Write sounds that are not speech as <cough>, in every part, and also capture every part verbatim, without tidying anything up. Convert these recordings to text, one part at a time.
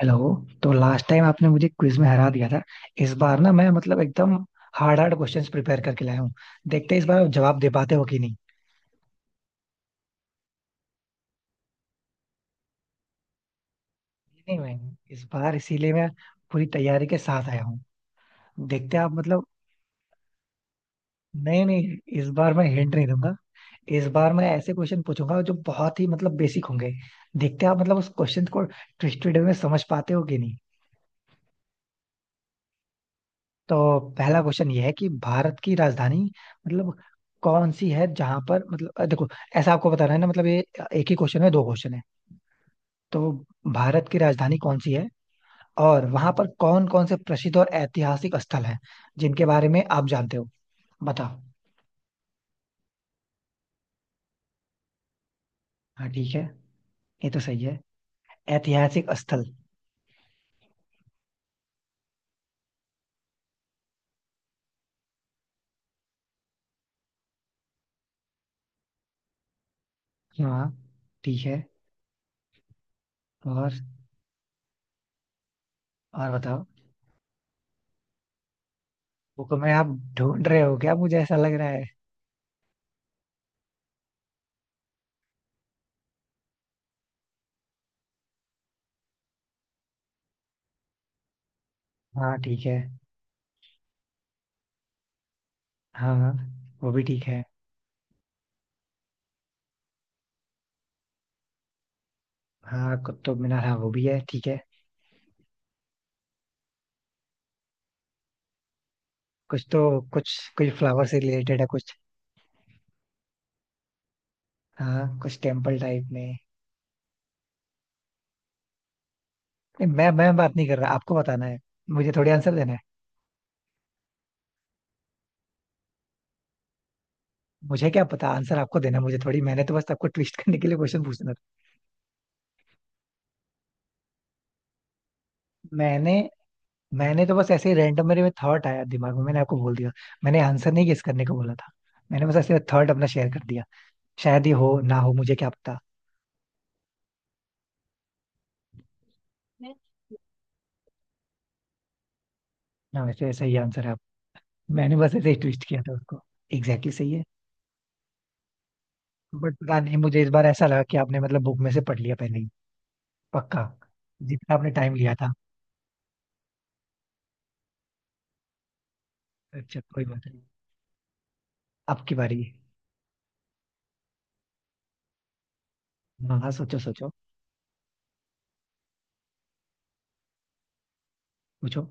Hello. तो last time आपने मुझे क्विज में हरा दिया था। इस बार ना मैं मतलब एकदम हार्ड हार्ड क्वेश्चंस प्रिपेयर करके लाया हूँ। देखते हैं इस बार आप जवाब दे पाते हो कि नहीं। नहीं मैं इस बार इसीलिए मैं पूरी तैयारी के साथ आया हूँ। देखते हैं आप मतलब। नहीं नहीं इस बार मैं हिंट नहीं दूंगा। इस बार मैं ऐसे क्वेश्चन पूछूंगा जो बहुत ही मतलब बेसिक होंगे। देखते हैं आप मतलब उस क्वेश्चन को ट्विस्टेड में समझ पाते हो कि नहीं। तो पहला क्वेश्चन ये है कि भारत की राजधानी मतलब कौन सी है जहां पर मतलब अ, देखो। ऐसा आपको बताना है ना मतलब ये एक ही क्वेश्चन है दो क्वेश्चन है। तो भारत की राजधानी कौन सी है और वहां पर कौन कौन से प्रसिद्ध और ऐतिहासिक स्थल हैं जिनके बारे में आप जानते हो? बताओ। हाँ ठीक है। ये तो सही है। ऐतिहासिक स्थल। हाँ ठीक है। और और बताओ। बुक में आप ढूंढ रहे हो क्या? मुझे ऐसा लग रहा है। हाँ ठीक है। हाँ, हाँ, वो भी ठीक है। हाँ कुतुब मीनार, हाँ वो भी है ठीक है। कुछ तो कुछ कुछ फ्लावर से रिलेटेड है कुछ। हाँ कुछ टेम्पल टाइप में। नहीं मैं मैं बात नहीं कर रहा, आपको बताना है। मुझे थोड़ी आंसर देना है। मुझे क्या पता, आंसर आपको देना है, मुझे थोड़ी। मैंने तो बस आपको ट्विस्ट <laughs> करने के लिए क्वेश्चन पूछना था। मैंने मैंने तो बस ऐसे ही रैंडम मेरे में थॉट आया दिमाग में मैंने आपको बोल दिया। मैंने आंसर नहीं गेस करने को बोला था। मैंने बस ऐसे थॉट अपना शेयर कर दिया। शायद ये हो ना हो, मुझे क्या पता। ना वैसे ऐसा ही आंसर है आप। मैंने बस ऐसे ही ट्विस्ट किया था उसको। एग्जैक्टली सही है। बट पता नहीं मुझे इस बार ऐसा लगा कि आपने मतलब बुक में से पढ़ लिया पहले ही। पक्का। जितना आपने टाइम लिया था। अच्छा कोई बात नहीं। आपकी बारी है। हाँ हाँ सोचो सोचो। पूछो।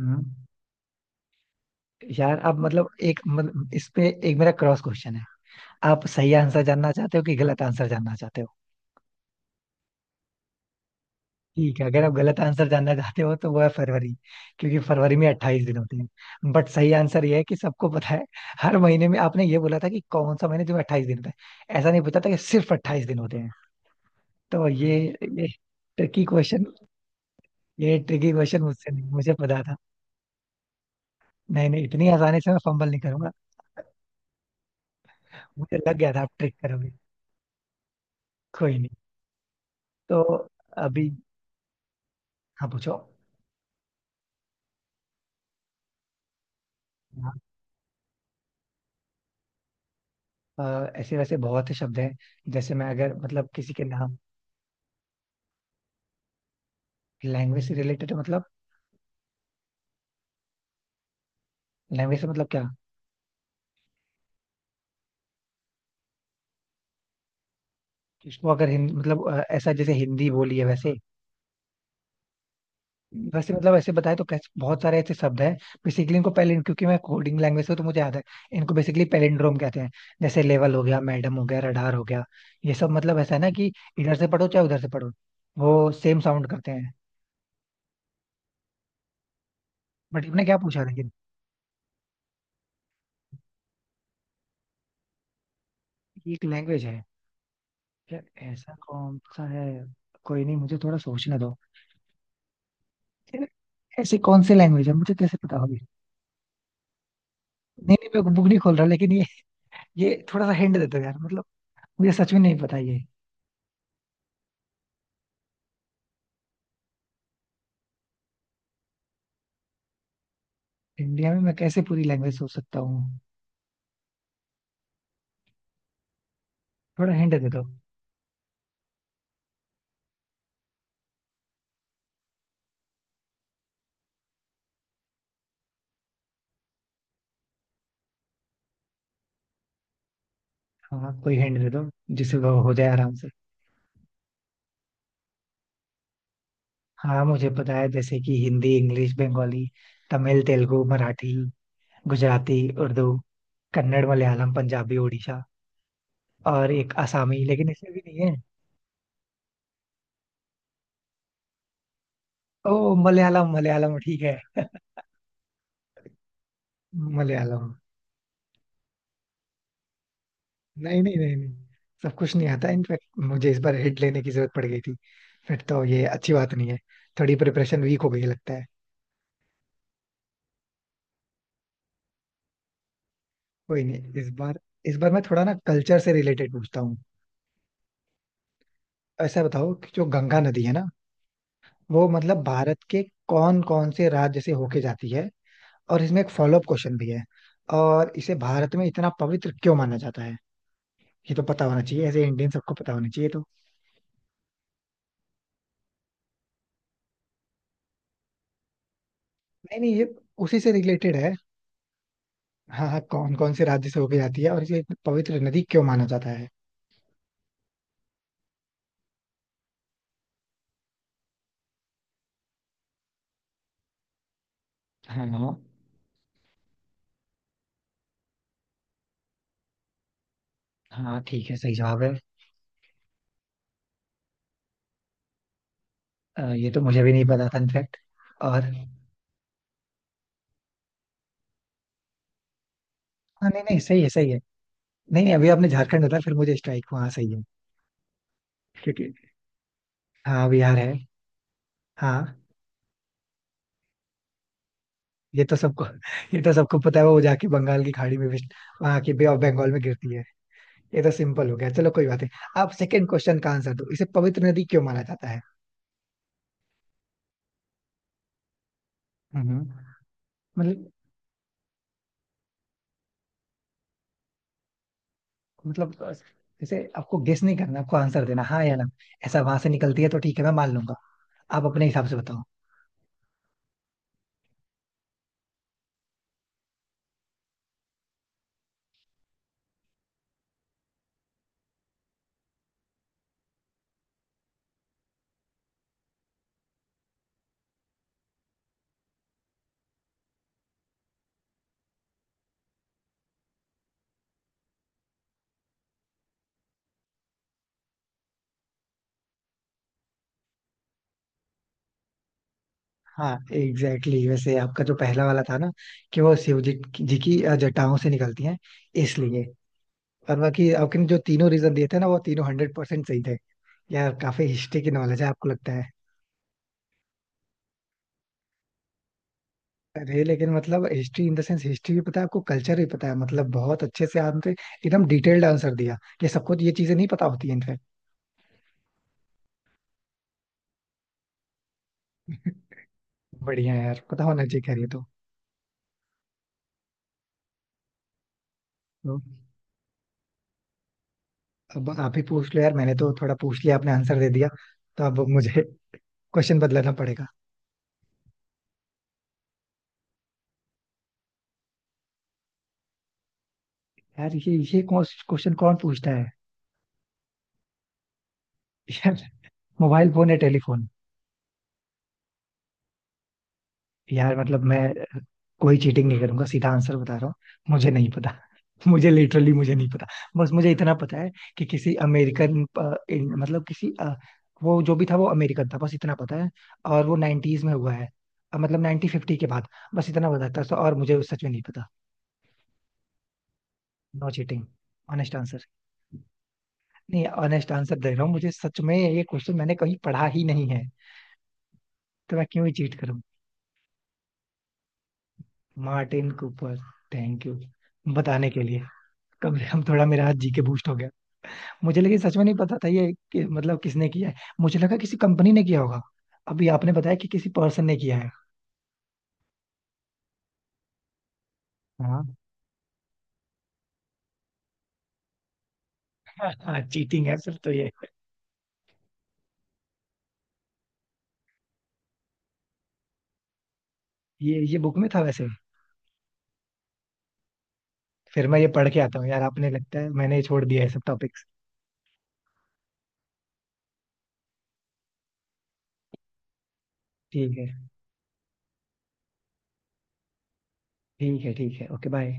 हम्म। यार आप मतलब एक मतलब इस पे एक मेरा क्रॉस क्वेश्चन है। आप सही आंसर जानना चाहते हो कि गलत आंसर जानना चाहते हो? ठीक है, अगर आप गलत आंसर जानना चाहते हो तो वो है फरवरी। क्योंकि फरवरी में अट्ठाईस दिन होते हैं बट सही आंसर ये है कि सबको पता है। हर महीने में आपने ये बोला था कि कौन सा महीने जो अट्ठाईस दिन होता है, ऐसा नहीं पता था कि सिर्फ अट्ठाईस दिन होते। तो ये ये ट्रिकी क्वेश्चन। ये ट्रिकी क्वेश्चन मुझसे नहीं, मुझे पता था। नहीं नहीं इतनी आसानी से मैं फंबल नहीं करूंगा। मुझे लग गया था आप ट्रिक करोगे। कोई नहीं। तो अभी। हाँ पूछो। हाँ, अ, ऐसे वैसे बहुत से शब्द हैं। जैसे मैं अगर मतलब किसी के नाम। लैंग्वेज से रिलेटेड मतलब। लैंग्वेज से मतलब क्या? इसको अगर हिंद मतलब अ, ऐसा जैसे हिंदी बोली है वैसे। वैसे मतलब ऐसे बताए तो कैसे बहुत सारे ऐसे शब्द हैं। बेसिकली इनको पैलिन, क्योंकि मैं कोडिंग लैंग्वेज से हूं, तो मुझे याद है। इनको बेसिकली पैलिंड्रोम कहते हैं। जैसे लेवल हो गया, मैडम हो गया, रडार हो गया। ये सब मतलब ऐसा है ना कि इधर से पढ़ो चाहे उधर से पढ़ो, वो सेम साउंड करते हैं। बट आपने क्या पूछा लेकिन? ये एक लैंग्वेज है। यार ऐसा कौन सा है? कोई नहीं, मुझे थोड़ा सोचने दो। यार, ऐसी कौन सी लैंग्वेज है? मुझे कैसे पता होगी? नहीं नहीं मैं बुक नहीं खोल रहा लेकिन ये ये थोड़ा सा हिंट दे दो यार मतलब। मुझे सच में नहीं पता ये। इंडिया में मैं कैसे पूरी लैंग्वेज सोच सकता हूँ? थोड़ा हिंट दे दो। हाँ कोई हिंट दे दो जिससे वो हो जाए आराम से। हाँ मुझे पता है जैसे कि हिंदी, इंग्लिश, बंगाली, तमिल, तेलुगु, मराठी, गुजराती, उर्दू, कन्नड़, मलयालम, पंजाबी, उड़ीसा और एक आसामी लेकिन इसमें भी नहीं है। ओ, मलयालम, मलयालम ठीक है। मलयालम। नहीं नहीं नहीं नहीं सब कुछ नहीं आता इनफैक्ट। मुझे इस बार हिट लेने की जरूरत पड़ गई थी। फिर तो ये अच्छी बात नहीं है। थोड़ी प्रिपरेशन वीक हो गई लगता है। कोई नहीं इस बार। इस बार मैं थोड़ा ना कल्चर से रिलेटेड पूछता हूँ। ऐसा बताओ कि जो गंगा नदी है ना वो मतलब भारत के कौन कौन से राज्य से होके जाती है? और इसमें एक फॉलोअप क्वेश्चन भी है। और इसे भारत में इतना पवित्र क्यों माना जाता है? ये तो पता होना चाहिए, ऐसे इंडियन सबको पता होना चाहिए तो। नहीं नहीं ये उसी से रिलेटेड है। हाँ हाँ कौन कौन से राज्य से होके जाती है और इसे इतनी पवित्र नदी क्यों माना जाता है? हाँ हाँ। हाँ, ठीक है सही जवाब है। अ, ये तो मुझे भी नहीं पता था इनफैक्ट। और। हाँ नहीं नहीं सही है सही है। नहीं नहीं अभी आपने झारखंड बताया फिर मुझे स्ट्राइक हुआ, हाँ सही है। क्योंकि हाँ बिहार है। हाँ ये तो सबको <laughs> ये तो सबको पता है, वो जाके बंगाल की खाड़ी में भी, वहां की बे ऑफ बंगाल में गिरती है। ये तो सिंपल हो गया। चलो कोई बात नहीं, आप सेकंड क्वेश्चन का आंसर दो, इसे पवित्र नदी क्यों माना जाता है? हम्म। मतलब। मतलब इसे आपको गेस नहीं करना, आपको आंसर देना हाँ या ना। ऐसा वहां से निकलती है तो ठीक है, मैं मान लूंगा। आप अपने हिसाब से बताओ। हाँ एग्जैक्टली exactly. वैसे आपका जो पहला वाला था ना कि वो शिव जी की जी की, अ, जटाओं से निकलती हैं इसलिए। और बाकी आपने जो तीनों रीजन दिए थे ना वो तीनों हंड्रेड परसेंट सही थे। यार काफी हिस्ट्री की नॉलेज है आपको लगता है। अरे लेकिन मतलब history in the sense, history भी पता है आपको, कल्चर भी पता है, मतलब बहुत अच्छे से आपने एकदम डिटेल्ड आंसर दिया। ये सबको ये चीजें नहीं पता होती है इनफैक्ट। <laughs> बढ़िया है यार, पता होना चाहिए, खैर ये तो। तो अब आप ही पूछ लो यार, मैंने तो थोड़ा पूछ लिया, आपने आंसर दे दिया। तो अब मुझे क्वेश्चन बदलना पड़ेगा। यार ये ये क्वेश्चन कौन क्वेश्चन कौन पूछता है? <laughs> यार, मोबाइल फोन या टेलीफोन? यार मतलब मैं कोई चीटिंग नहीं करूंगा, सीधा आंसर बता रहा हूँ। मुझे नहीं पता। <laughs> मुझे लिटरली मुझे नहीं पता। बस मुझे इतना पता है कि किसी अमेरिकन, मतलब किसी अ, वो जो भी था वो अमेरिकन था बस इतना पता है। और वो नाइनटीज में हुआ है। अ, मतलब नाइनटीन फिफ्टी के बाद। बस इतना बताता है तो, तो और मुझे सच में नहीं पता। No cheating. Honest answer. नहीं ऑनेस्ट आंसर दे रहा हूँ, मुझे सच में ये क्वेश्चन मैंने कहीं पढ़ा ही नहीं है। तो मैं क्यों ही चीट करूँ? Martin Cooper. थैंक यू बताने के लिए। कम से कम थोड़ा मेरा हाथ जी के बूस्ट हो गया। मुझे लेकिन सच में नहीं पता था ये कि मतलब किसने किया है। मुझे लगा किसी कंपनी ने किया होगा, अभी आपने बताया कि किसी पर्सन ने किया है। हाँ <laughs> हाँ चीटिंग है सर तो ये। ये ये बुक में था वैसे। फिर मैं ये पढ़ के आता हूँ यार, आपने लगता है मैंने छोड़ दिया है सब टॉपिक्स। ठीक है ठीक है ठीक है ओके बाय।